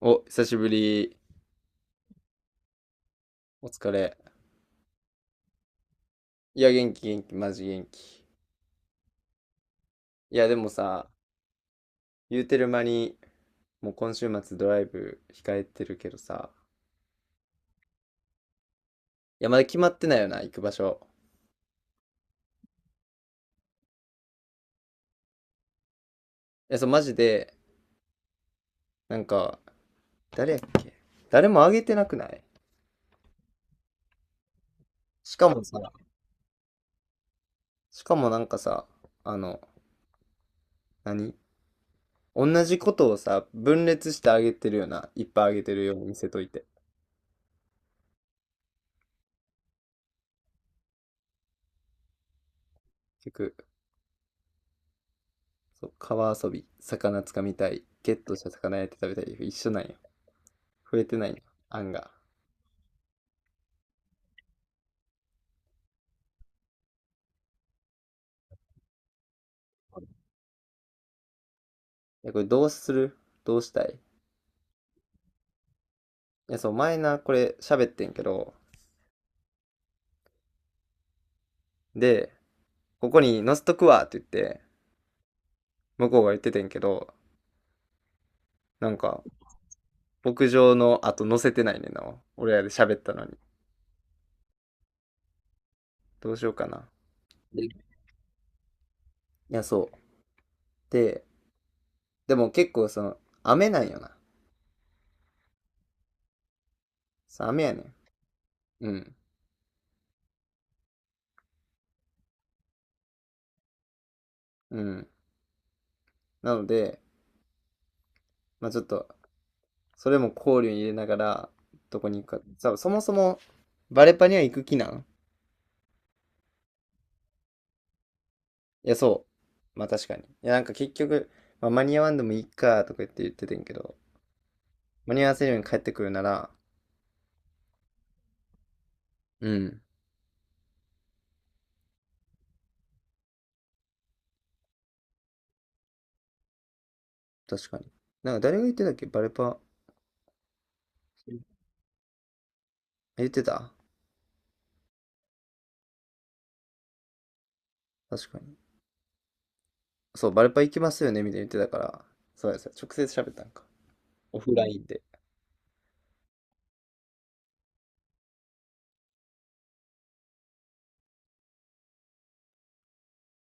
お、久しぶり。お疲れ。いや、元気元気、マジ元気。いや、でもさ、言うてる間に、もう今週末ドライブ控えてるけどさ、いや、まだ決まってないよな、行く場所。いや、そう、マジで、なんか、誰やっけ？誰もあげてなくない？しかもさ、しかもなんかさ、あの、何同じことをさ、分裂してあげてるよな。いっぱいあげてるように見せといて。結局、そう、川遊び、魚つかみたい、ゲットした魚焼いて食べたい、一緒なんや。増えてないな、案が。いや、これどうする？どうしたい？いや、そう、前な、これ喋ってんけど、で、ここに載せとくわって言って、向こうが言っててんけど、なんか、牧場の後載せてないねんな。俺らで喋ったのに。どうしようかな。で、いや、そう。で、でも結構雨なんよな。そう雨やねん。うん。うん。なので、まあちょっと、それも考慮に入れながら、どこに行くか。そもそも、バレパには行く気なん？いや、そう。まあ確かに。いや、なんか結局、まあ、間に合わんでもいいかとか言ってたんやけど、間に合わせるように帰ってくるなら、うん、確かに。なんか誰が言ってたっけ？バルパ、言ってた？確かに。そう、バルパ行きますよねみたいに言ってたから、そうですよ。直接喋ったんか？オフラインで。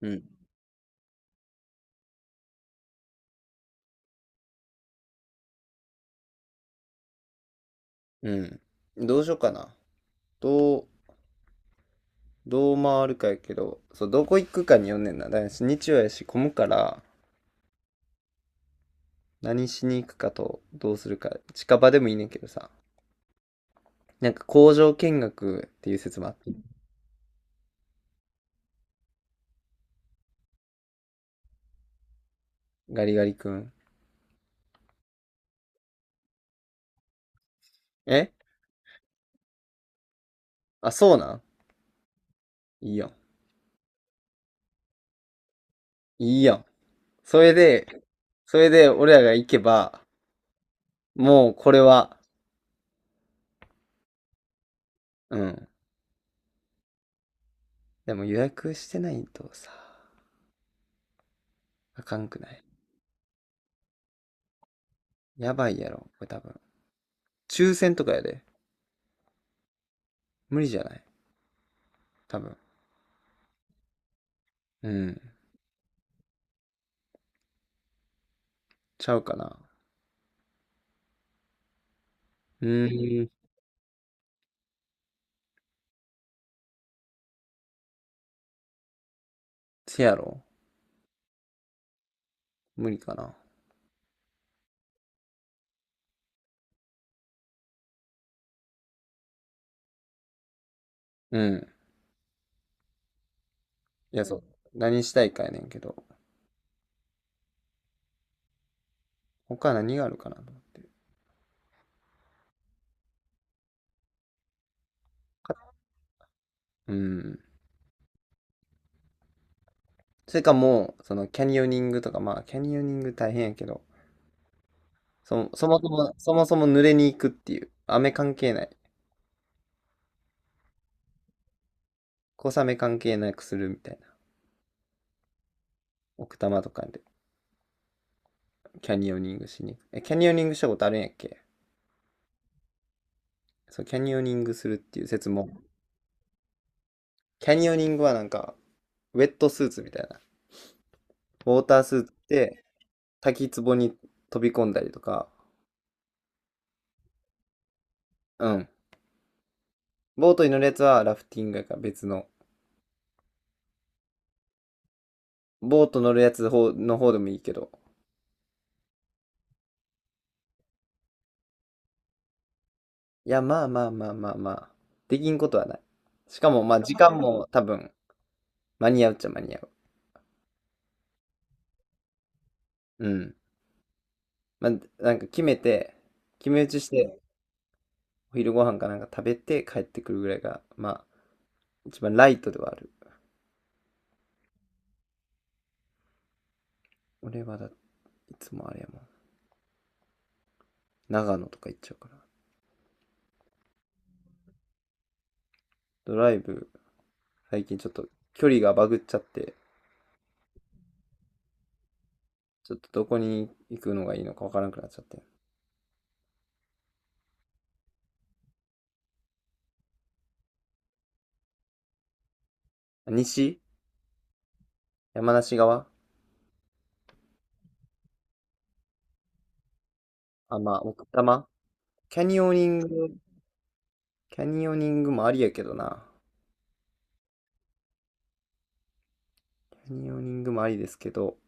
うん。うん。どうしようかな。どう、どう回るかやけど、そう、どこ行くかによんねんな。だから日曜やし、混むから、何しに行くかと、どうするか。近場でもいいねんけどさ。なんか工場見学っていう説もあって、ガリガリ君。え？あ、そうなん？いいやん。いいやん。それで、それで俺らが行けば、もうこれは、うん。でも予約してないとさ、あかんくない？やばいやろ、これ多分。抽選とかやで。無理じゃない？多分。うん。ちゃうかな。うーん。せやろ？無理かな。うん。いや、そう。何したいかやねんけど。他何があるかなと思って。うん。それかもう、そのキャニオニングとか、まあ、キャニオニング大変やけど、そもそも濡れに行くっていう、雨関係ない、小雨関係なくするみたいな、奥多摩とかでキャニオニングしに行く。え、キャニオニングしたことあるんやっけ？そう、キャニオニングするっていう説も、キャニオニングはなんか、ウェットスーツみたいな、ウォータースーツで滝壺に飛び込んだりとか、うん。ボートに乗るやつはラフティングやから別の、ボート乗るやつの方でもいいけど、いや、まあまあまあまあまあ。できんことはない。しかも、まあ、時間も多分、間に合うっちゃ間に合う。うん。まあ、なんか決めて、決め打ちして、お昼ご飯かなんか食べて帰ってくるぐらいが、まあ、一番ライトではある。俺はだ、いつもあれやもん。長野とか行っちゃうから。ドライブ、最近ちょっと距離がバグっちゃって、ちょっとどこに行くのがいいのかわからなくなっちゃって。西？山梨側？あ、まあ、奥多摩キャニオニング、キャニオニングもありやけどな。キャニオニングもありですけど、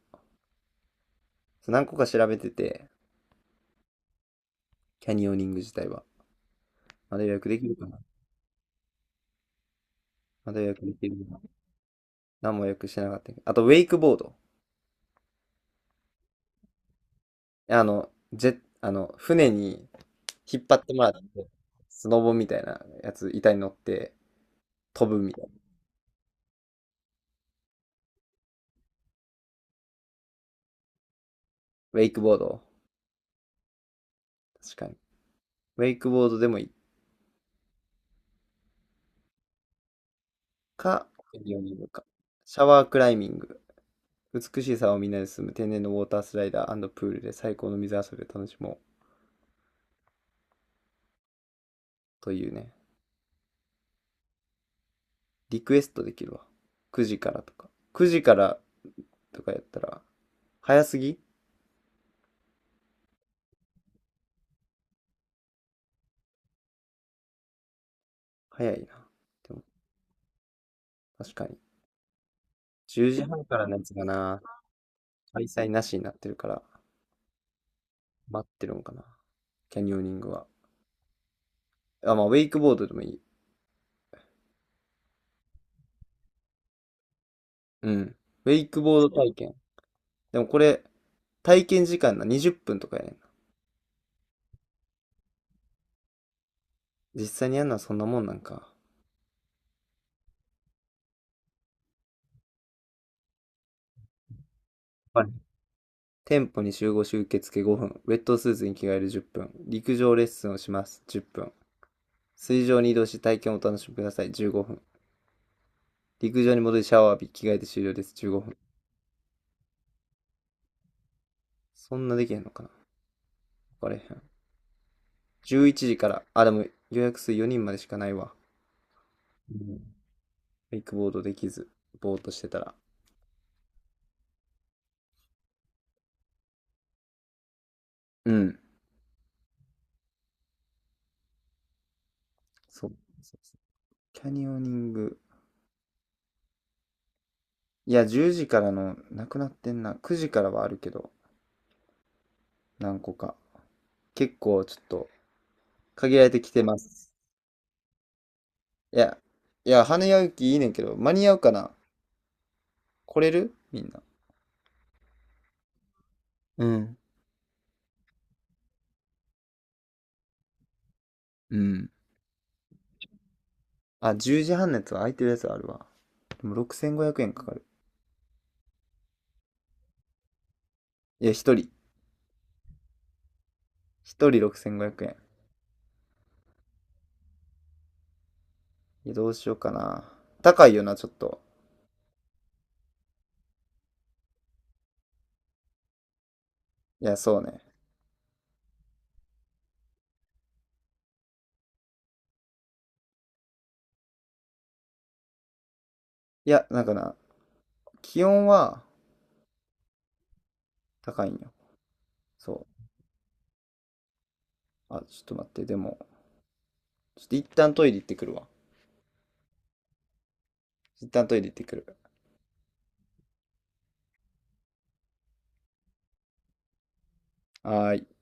何個か調べてて、キャニオニング自体は。まだ予約できるかな？まだ予約できるかな？何も予約してなかったけど。あと、ウェイクボード。船に引っ張ってもらって、スノボみたいなやつ、板に乗って飛ぶみたいな。ウェイクボード。確かに。ウェイクボードでもいいか、キャニオニングか。シャワークライミング。美しい沢をみんなで進む天然のウォータースライダープールで最高の水遊びを楽しもうというね。リクエストできるわ。9時からとか。9時からとかやったら、早すぎ早いな。でも、確かに。10時半からのやつがな、開催なしになってるから、待ってるんかな。キャニオニングは。あ、まあ、ウェイクボードでもいい。うん。ウェイクボード体験。でもこれ、体験時間な、20分とかやねんな。実際にやるのはそんなもんなんか。はい。店舗に集合し受付5分。ウェットスーツに着替える10分。陸上レッスンをします。10分。水上に移動し体験をお楽しみください。15分。陸上に戻りシャワー浴び、着替えて終了です。15分。そんなできへんのかな？わかれへん。11時から、あ、でも予約数4人までしかないわ。うん。ウイクボードできず、ぼーっとしてたら。うん。そう。そうそうキャニオニング。いや、10時からの、なくなってんな。9時からはあるけど、何個か。結構ちょっと、限られてきてます。いや、いや、花屋行きいいねんけど、間に合うかな？来れるみんな。うん。うん。あ、10時半のやつは空いてるやつあるわ。でも6500円かかる。いや、一人。一人6500円。いや、どうしようかな。高いよな、ちょっと。いや、そうね。いや、なんかな、気温は高いんよ。そう。あ、ちょっと待って、でも、ちょっと一旦トイレ行ってくるわ。一旦トイレ行ってくる。はーい。